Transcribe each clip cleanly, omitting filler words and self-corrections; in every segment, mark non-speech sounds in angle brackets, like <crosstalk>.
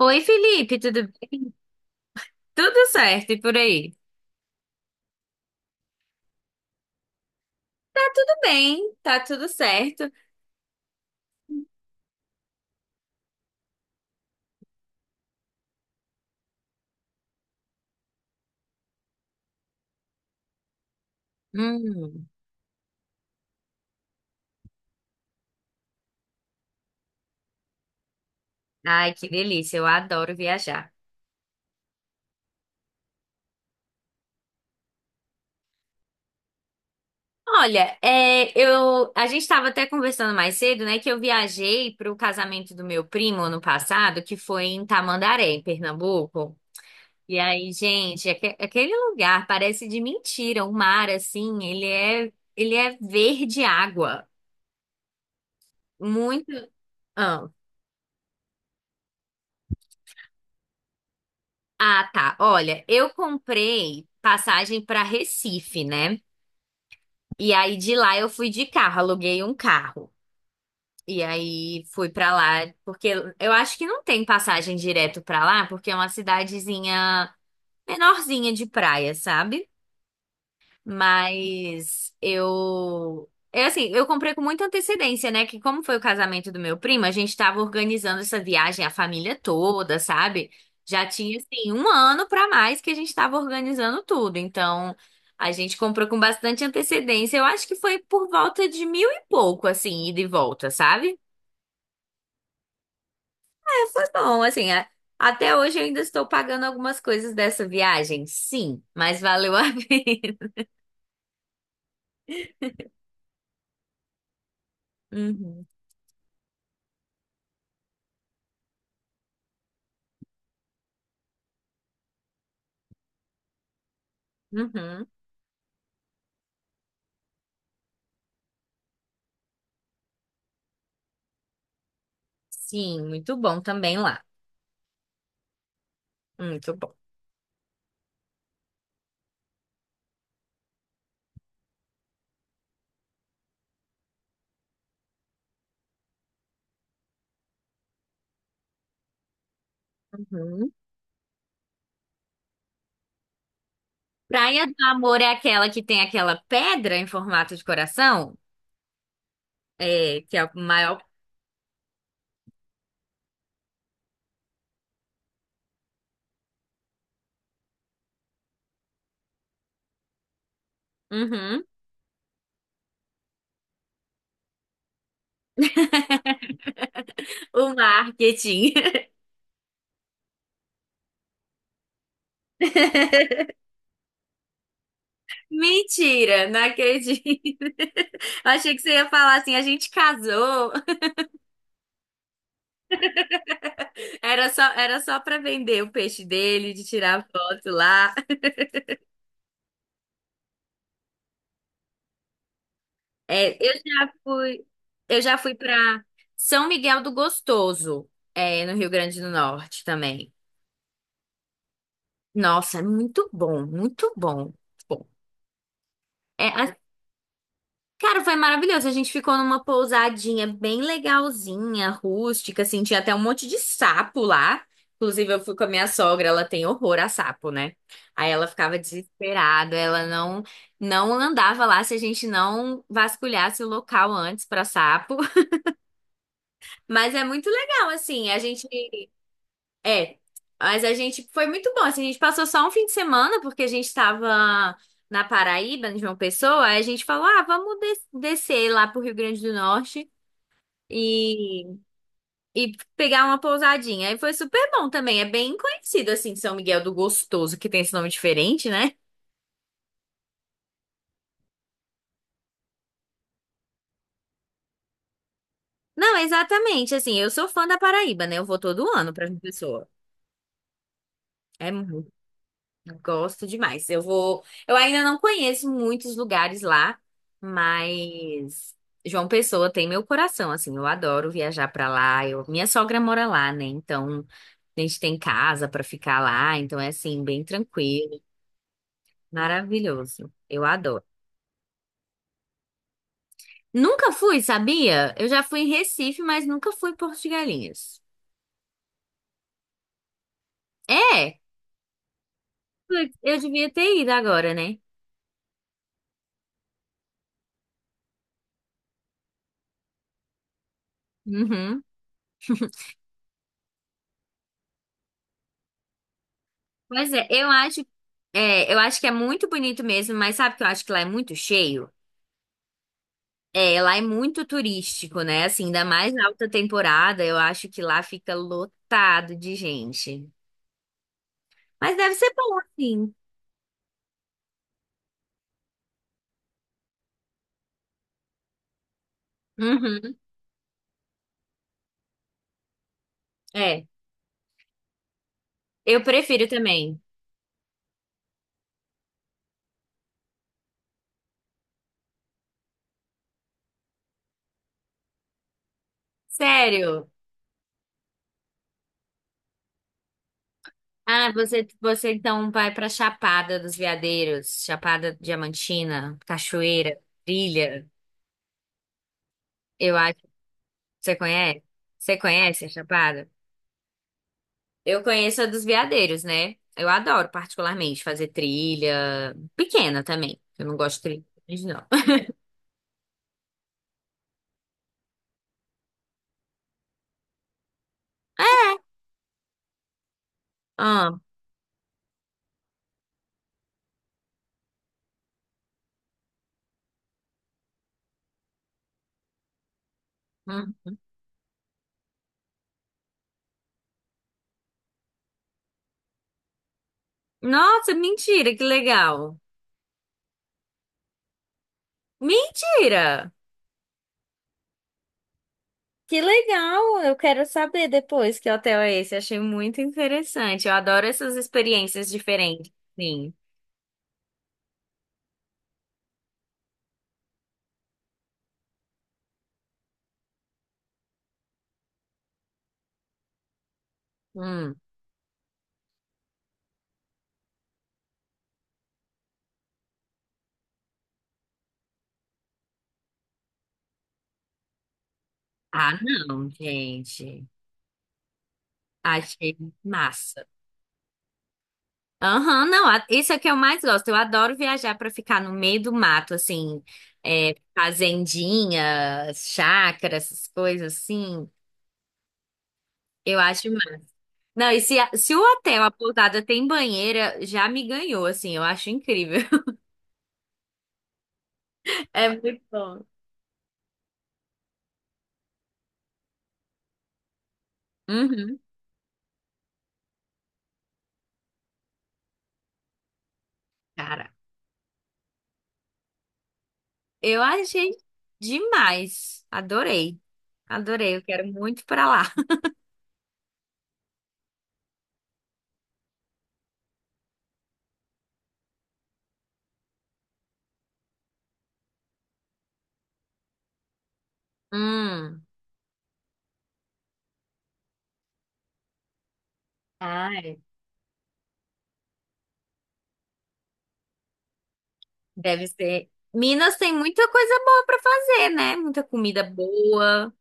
Oi, Felipe, tudo bem? Tudo certo e por aí? Tá tudo bem, tá tudo certo. Hum, ai, que delícia, eu adoro viajar. Olha, a gente estava até conversando mais cedo, né, que eu viajei para o casamento do meu primo ano passado, que foi em Tamandaré, em Pernambuco. E aí, gente, aquele lugar parece de mentira, o mar, assim, ele é verde água, muito... Ah, tá. Olha, eu comprei passagem para Recife, né? E aí de lá eu fui de carro, aluguei um carro. E aí fui para lá, porque eu acho que não tem passagem direto para lá, porque é uma cidadezinha menorzinha de praia, sabe? Mas eu. É assim, eu comprei com muita antecedência, né? Que como foi o casamento do meu primo, a gente tava organizando essa viagem, a família toda, sabe? Já tinha, assim, um ano pra mais que a gente tava organizando tudo. Então, a gente comprou com bastante antecedência. Eu acho que foi por volta de mil e pouco, assim, ida e volta, sabe? É, foi bom, assim. Até hoje eu ainda estou pagando algumas coisas dessa viagem, sim, mas valeu a <laughs> pena. Uhum, uhum. Sim, muito bom também lá. Muito bom. Uhum. Praia do Amor é aquela que tem aquela pedra em formato de coração? É, que é o maior. Uhum. O marketing. <laughs> Mentira, não acredito. <laughs> Achei que você ia falar assim, a gente casou. Era só para vender o peixe dele, de tirar foto lá. É, eu já fui, eu já fui para São Miguel do Gostoso, é, no Rio Grande do Norte também. Nossa, é muito bom, muito bom. Bom, é Cara, foi maravilhoso. A gente ficou numa pousadinha bem legalzinha, rústica, assim, tinha até um monte de sapo lá. Inclusive, eu fui com a minha sogra, ela tem horror a sapo, né? Aí ela ficava desesperada, ela não andava lá se a gente não vasculhasse o local antes pra sapo. <laughs> Mas é muito legal, assim, é, mas a gente foi muito bom, assim, a gente passou só um fim de semana porque a gente tava na Paraíba, em João Pessoa, aí a gente falou: ah, descer lá pro Rio Grande do Norte e, e pegar uma pousadinha. Aí foi super bom também. É bem conhecido, assim, São Miguel do Gostoso, que tem esse nome diferente, né? Não, exatamente. Assim, eu sou fã da Paraíba, né? Eu vou todo ano pra João Pessoa. É muito. Eu gosto demais. Eu vou. Eu ainda não conheço muitos lugares lá, mas João Pessoa tem meu coração, assim. Eu adoro viajar pra lá. Minha sogra mora lá, né? Então. A gente tem casa pra ficar lá, então é assim, bem tranquilo, maravilhoso. Eu adoro. Nunca fui, sabia? Eu já fui em Recife, mas nunca fui em Porto de Galinhas. É, putz, eu devia ter ido agora, né? Uhum. Pois é, eu acho que é muito bonito mesmo, mas sabe que eu acho que lá é muito cheio? É, lá é muito turístico, né? Assim, ainda mais na alta temporada, eu acho que lá fica lotado de gente. Mas deve ser bom, sim. Uhum. É, eu prefiro também. Sério. Ah, você então vai pra Chapada dos Veadeiros, Chapada Diamantina, Cachoeira, Trilha. Eu acho que você conhece. Você conhece a Chapada? Eu conheço a dos Veadeiros, né? Eu adoro particularmente fazer trilha pequena também. Eu não gosto de trilha, grande, não. <laughs> Ah, hum. Nossa, mentira, que legal. Mentira! Que legal! Eu quero saber depois que hotel é esse. Achei muito interessante. Eu adoro essas experiências diferentes. Sim. Hum. Ah, não, gente. Achei massa. Aham, não, a- isso é que eu mais gosto. Eu adoro viajar para ficar no meio do mato, assim, é, fazendinha, chácara, essas coisas assim. Eu acho massa. Não, se o hotel, a pousada tem banheira, já me ganhou, assim, eu acho incrível. <laughs> É muito bom. Uhum, cara, eu achei demais. Adorei, adorei. Eu quero muito para lá. Hum. Ai. Deve ser. Minas tem muita coisa boa pra fazer, né? Muita comida boa.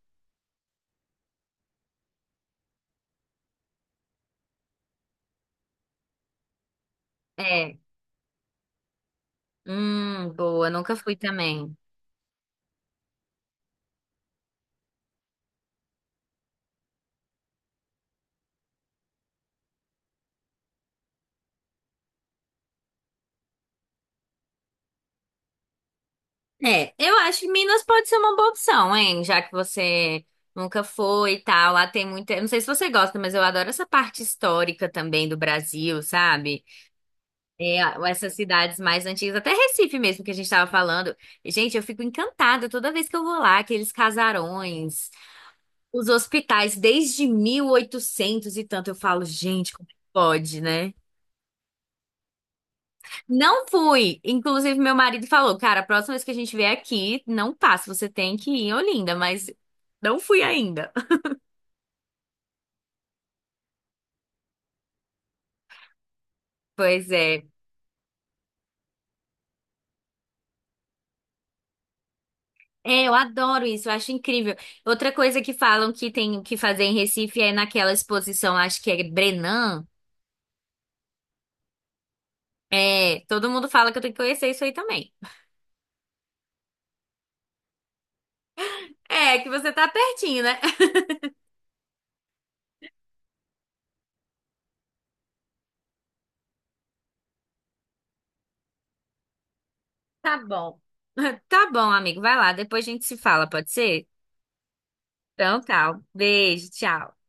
É. Boa. Nunca fui também. É, eu acho que Minas pode ser uma boa opção, hein? Já que você nunca foi e tal. Lá tem muita. Eu não sei se você gosta, mas eu adoro essa parte histórica também do Brasil, sabe? É, essas cidades mais antigas, até Recife mesmo, que a gente tava falando. Gente, eu fico encantada toda vez que eu vou lá, aqueles casarões. Os hospitais desde 1800 e tanto, eu falo, gente, como pode, né? Não fui. Inclusive, meu marido falou, cara, a próxima vez que a gente vier aqui, não passa, você tem que ir em Olinda, mas não fui ainda. <laughs> Pois é. É, eu adoro isso, eu acho incrível. Outra coisa que falam que tem que fazer em Recife é naquela exposição, acho que é Brenan. É, todo mundo fala que eu tenho que conhecer isso aí também. É, que você tá pertinho, né? <laughs> Tá bom. <laughs> Tá bom, amigo, vai lá, depois a gente se fala, pode ser? Então tá. Um beijo, tchau.